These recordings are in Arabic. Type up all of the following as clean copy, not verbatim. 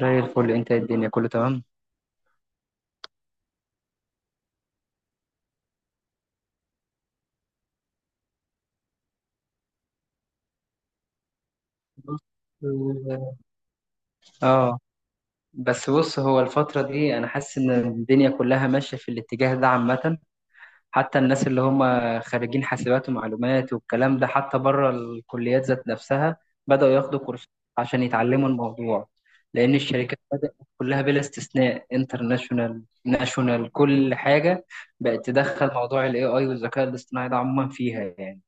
زي الفل. انت إيه الدنيا كله تمام؟ بص، ال- اه بس بص، هو الفترة دي انا حاسس ان الدنيا كلها ماشية في الاتجاه ده عامة. حتى الناس اللي هم خريجين حاسبات ومعلومات والكلام ده، حتى بره الكليات ذات نفسها، بدأوا ياخدوا كورسات عشان يتعلموا الموضوع. لأن الشركات بدأت كلها بلا استثناء، انترناشونال ناشونال كل حاجة، بقت تدخل موضوع ال AI والذكاء الاصطناعي ده عموما فيها يعني.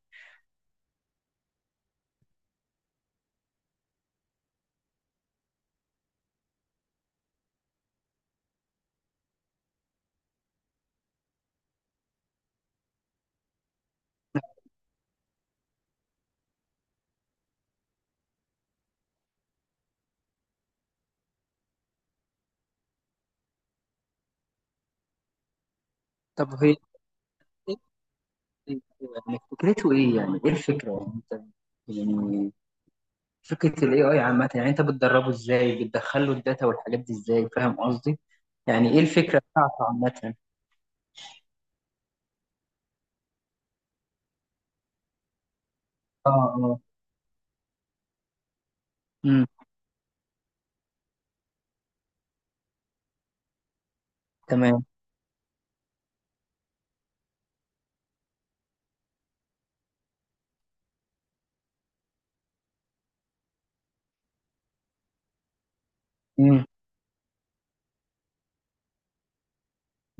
طب هي يعني فكرته ايه؟ يعني ايه الفكره يعني انت؟ يعني فكره الاي اي عامه، يعني انت بتدربه ازاي؟ بتدخله الداتا والحاجات دي ازاي؟ فاهم قصدي؟ يعني ايه الفكره بتاعته عامه؟ اه، اه. امم. تمام. امم.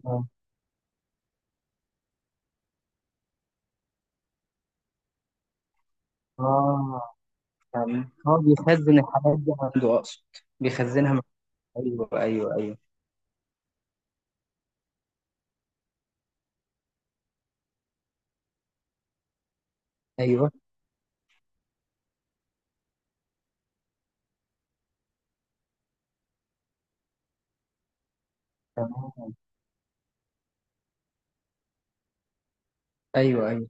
اه. آه، تمام. هو بيخزن الحاجات دي عنده اقصد، بيخزنها مع... ايوه، ايوه، ايوه. ايوه. تمام. ايوه، ايوه.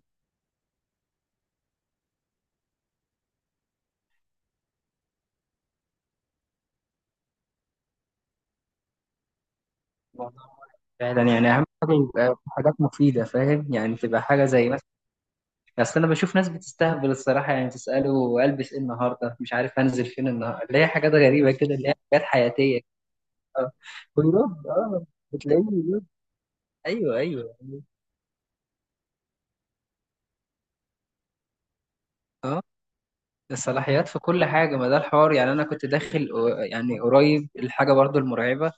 فعلا. يعني اهم حاجه يبقى حاجات مفيده، فاهم يعني؟ تبقى حاجه زي، اصل انا بشوف ناس بتستهبل الصراحه، يعني تساله البس ايه النهارده، مش عارف هنزل فين النهارده، اللي هي حاجات غريبه كده، اللي هي حاجات حياتيه. اه. ويرد اه. بتلاقيه بيرد. ايوه، ايوه. اه. الصلاحيات في كل حاجه، ما ده الحوار. يعني انا كنت داخل، آه، يعني قريب الحاجه برضو المرعبه.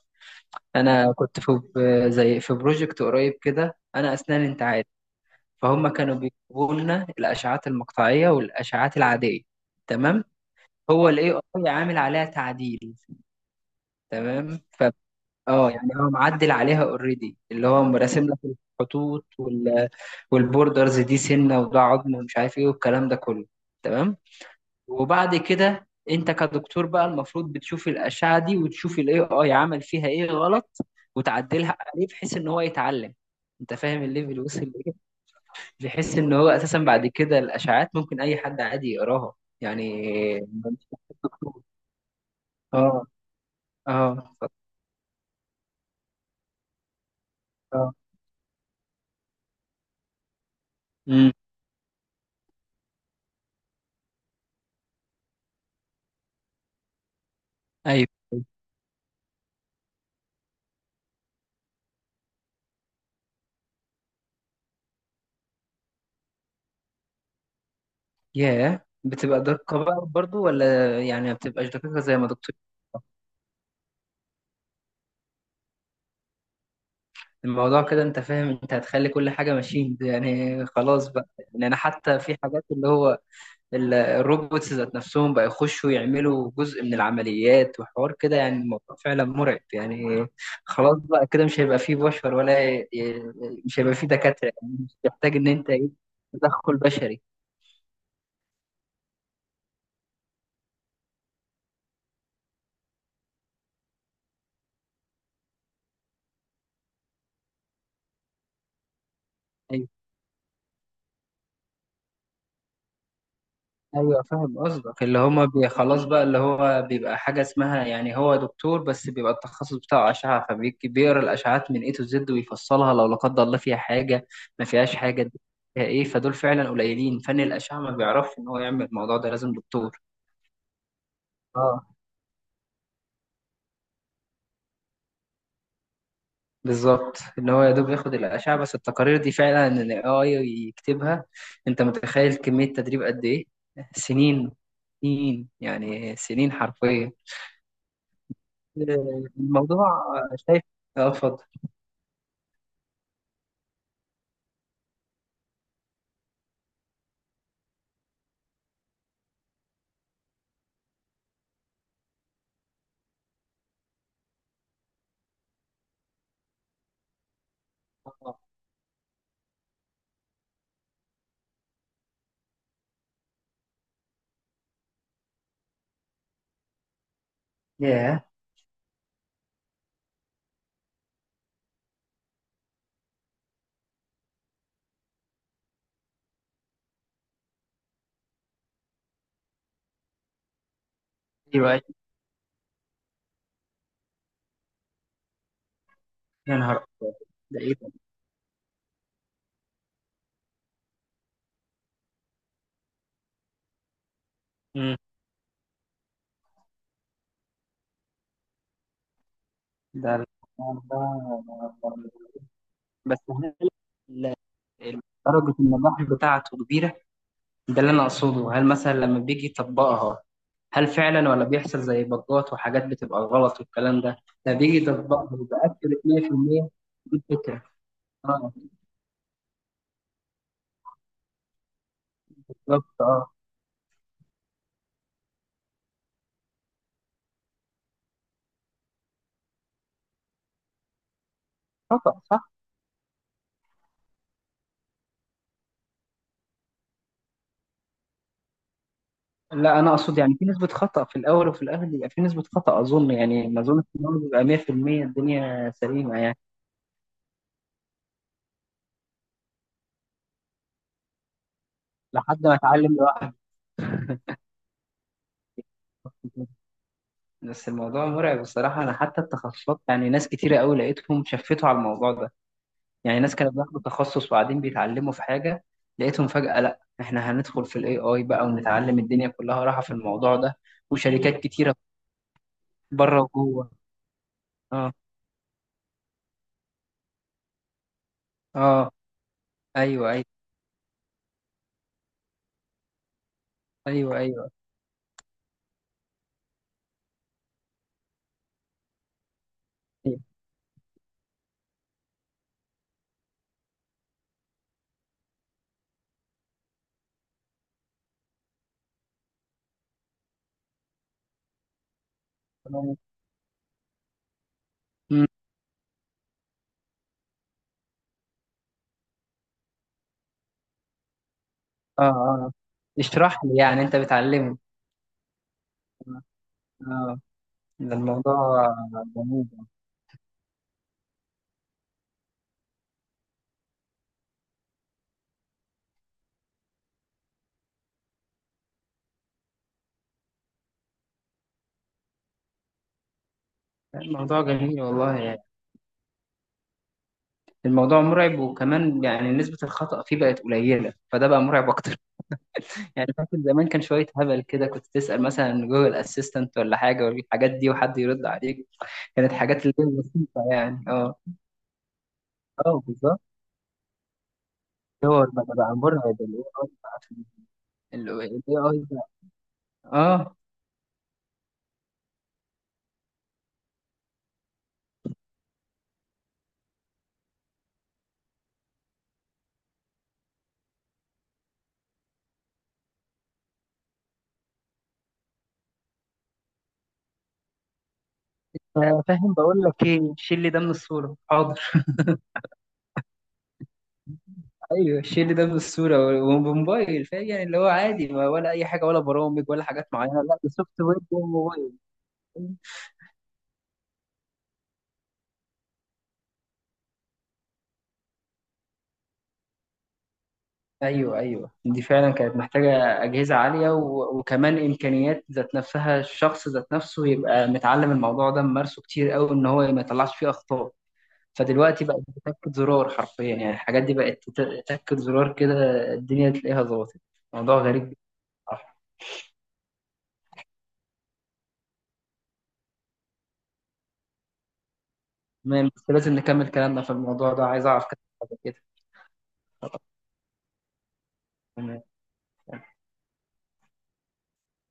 انا كنت في ب- زي في بروجكت قريب كده، انا اسنان انت عارف، فهم كانوا بيجيبوا لنا الاشعات المقطعيه والاشعات العاديه. تمام. هو الاي اي عامل عليها تعديل. تمام. اه، يعني هو معدل عليها اوريدي، اللي هو مراسم لك الخطوط والبوردرز، دي سنه وده عظم ومش عارف ايه والكلام ده كله. تمام. وبعد كده انت كدكتور بقى المفروض بتشوف الاشعه دي وتشوف الاي اي عمل فيها ايه غلط، وتعدلها عليه بحيث ان هو يتعلم. انت فاهم الليفل وصل لايه؟ بحيث ان هو اساسا بعد كده الاشعات ممكن اي حد عادي يقراها يعني. مش محتاج دكتور. اه، اه، اه. امم. ايوه. ياه، بتبقى دقة بقى برضو ولا يعني ما بتبقاش دقيقة زي ما دكتور؟ الموضوع كده، انت فاهم، انت هتخلي كل حاجة ماشين، يعني خلاص بقى. يعني انا حتى في حاجات اللي هو الروبوتس ذات نفسهم بقى يخشوا يعملوا جزء من العمليات وحوار كده، يعني الموضوع فعلا مرعب يعني. خلاص بقى كده مش هيبقى فيه بشر مش هيبقى فيه دكاترة، يعني مش تحتاج ان انت ايه، تدخل بشري. ايوه فاهم قصدك، اللي هما بي خلاص بقى، اللي هو بيبقى حاجه اسمها، يعني هو دكتور بس بيبقى التخصص بتاعه اشعه، فبيقرا الاشعات من اي تو زد ويفصلها لو لا قدر الله فيها حاجه، ما فيهاش حاجه، دي فيها ايه. فدول فعلا قليلين. فن الاشعه ما بيعرفش ان هو يعمل الموضوع ده، لازم دكتور. اه بالظبط، ان هو يا دوب ياخد الاشعه، بس التقارير دي فعلا ان الاي اي يكتبها. انت متخيل كميه تدريب قد ايه؟ سنين. سنين يعني، سنين حرفيا. الموضوع. شايف. اه، اتفضل. ياه. ايوه. أيوة. يا نهار أبيض. ده ايه ده؟ مم. ده الموضوع ده. بس هل ال- درجة النجاح بتاعته كبيرة؟ ده اللي أنا أقصده، هل مثلا لما بيجي يطبقها، هل فعلا ولا بيحصل زي بجات وحاجات بتبقى غلط والكلام ده؟ ده بيجي يطبقها ويبقى أكيوريت 100%، دي الفكرة. اه بالظبط اه. خطأ. لا انا اقصد يعني في نسبه خطا، في الاول وفي الاخر بيبقى في نسبه خطا اظن، يعني ما اظن ان هو بيبقى 100%، الدنيا سليمه يعني. لحد ما اتعلم لوحدي. بس الموضوع مرعب الصراحه، انا حتى التخصصات يعني ناس كتيره قوي لقيتهم شفتوا على الموضوع ده. يعني ناس كانت بياخدوا تخصص وبعدين بيتعلموا في حاجه، لقيتهم فجاه لا احنا هندخل في الاي اي بقى ونتعلم، الدنيا كلها راحه في الموضوع ده، وشركات كتيره بره وجوه. اه، اه. ايوه، ايوه. ايوه. ايوه، أيوة. اه، اه. اشرح لي يعني انت بتعلمني. اه. ده الموضوع جميل. الموضوع جميل والله يعني. الموضوع مرعب، وكمان يعني نسبة الخطأ فيه بقت قليلة، فده بقى مرعب أكتر. يعني فاكر زمان كان شوية هبل كده، كنت تسأل مثلا جوجل أسيستنت ولا حاجة والحاجات دي وحد يرد عليك، كانت حاجات اللي هي بسيطة يعني. اه، اه بالظبط. هو بقى مرعب ال AI بقى في ال AI بقى. اه فاهم، بقول لك ايه، شيل لي ده من الصورة، حاضر. ايوه الشيل ده بالصوره وبموبايل، فاهم يعني، اللي هو عادي ولا اي حاجه ولا برامج ولا حاجات معينه، لا ده سوفت وير جوه الموبايل. ايوه ايوه، دي فعلا كانت محتاجه اجهزه عاليه، وكمان امكانيات، ذات نفسها الشخص ذات نفسه يبقى متعلم الموضوع ده ممارسه كتير قوي ان هو ما يطلعش فيه اخطاء. فدلوقتي بقت بتاكد زرار حرفيا، يعني الحاجات دي بقت تاكد زرار كده، الدنيا تلاقيها ظبطت. موضوع غريب بصراحة. تمام بس لازم نكمل كلامنا في الموضوع ده، عايز اعرف كده حاجة كده. تمام.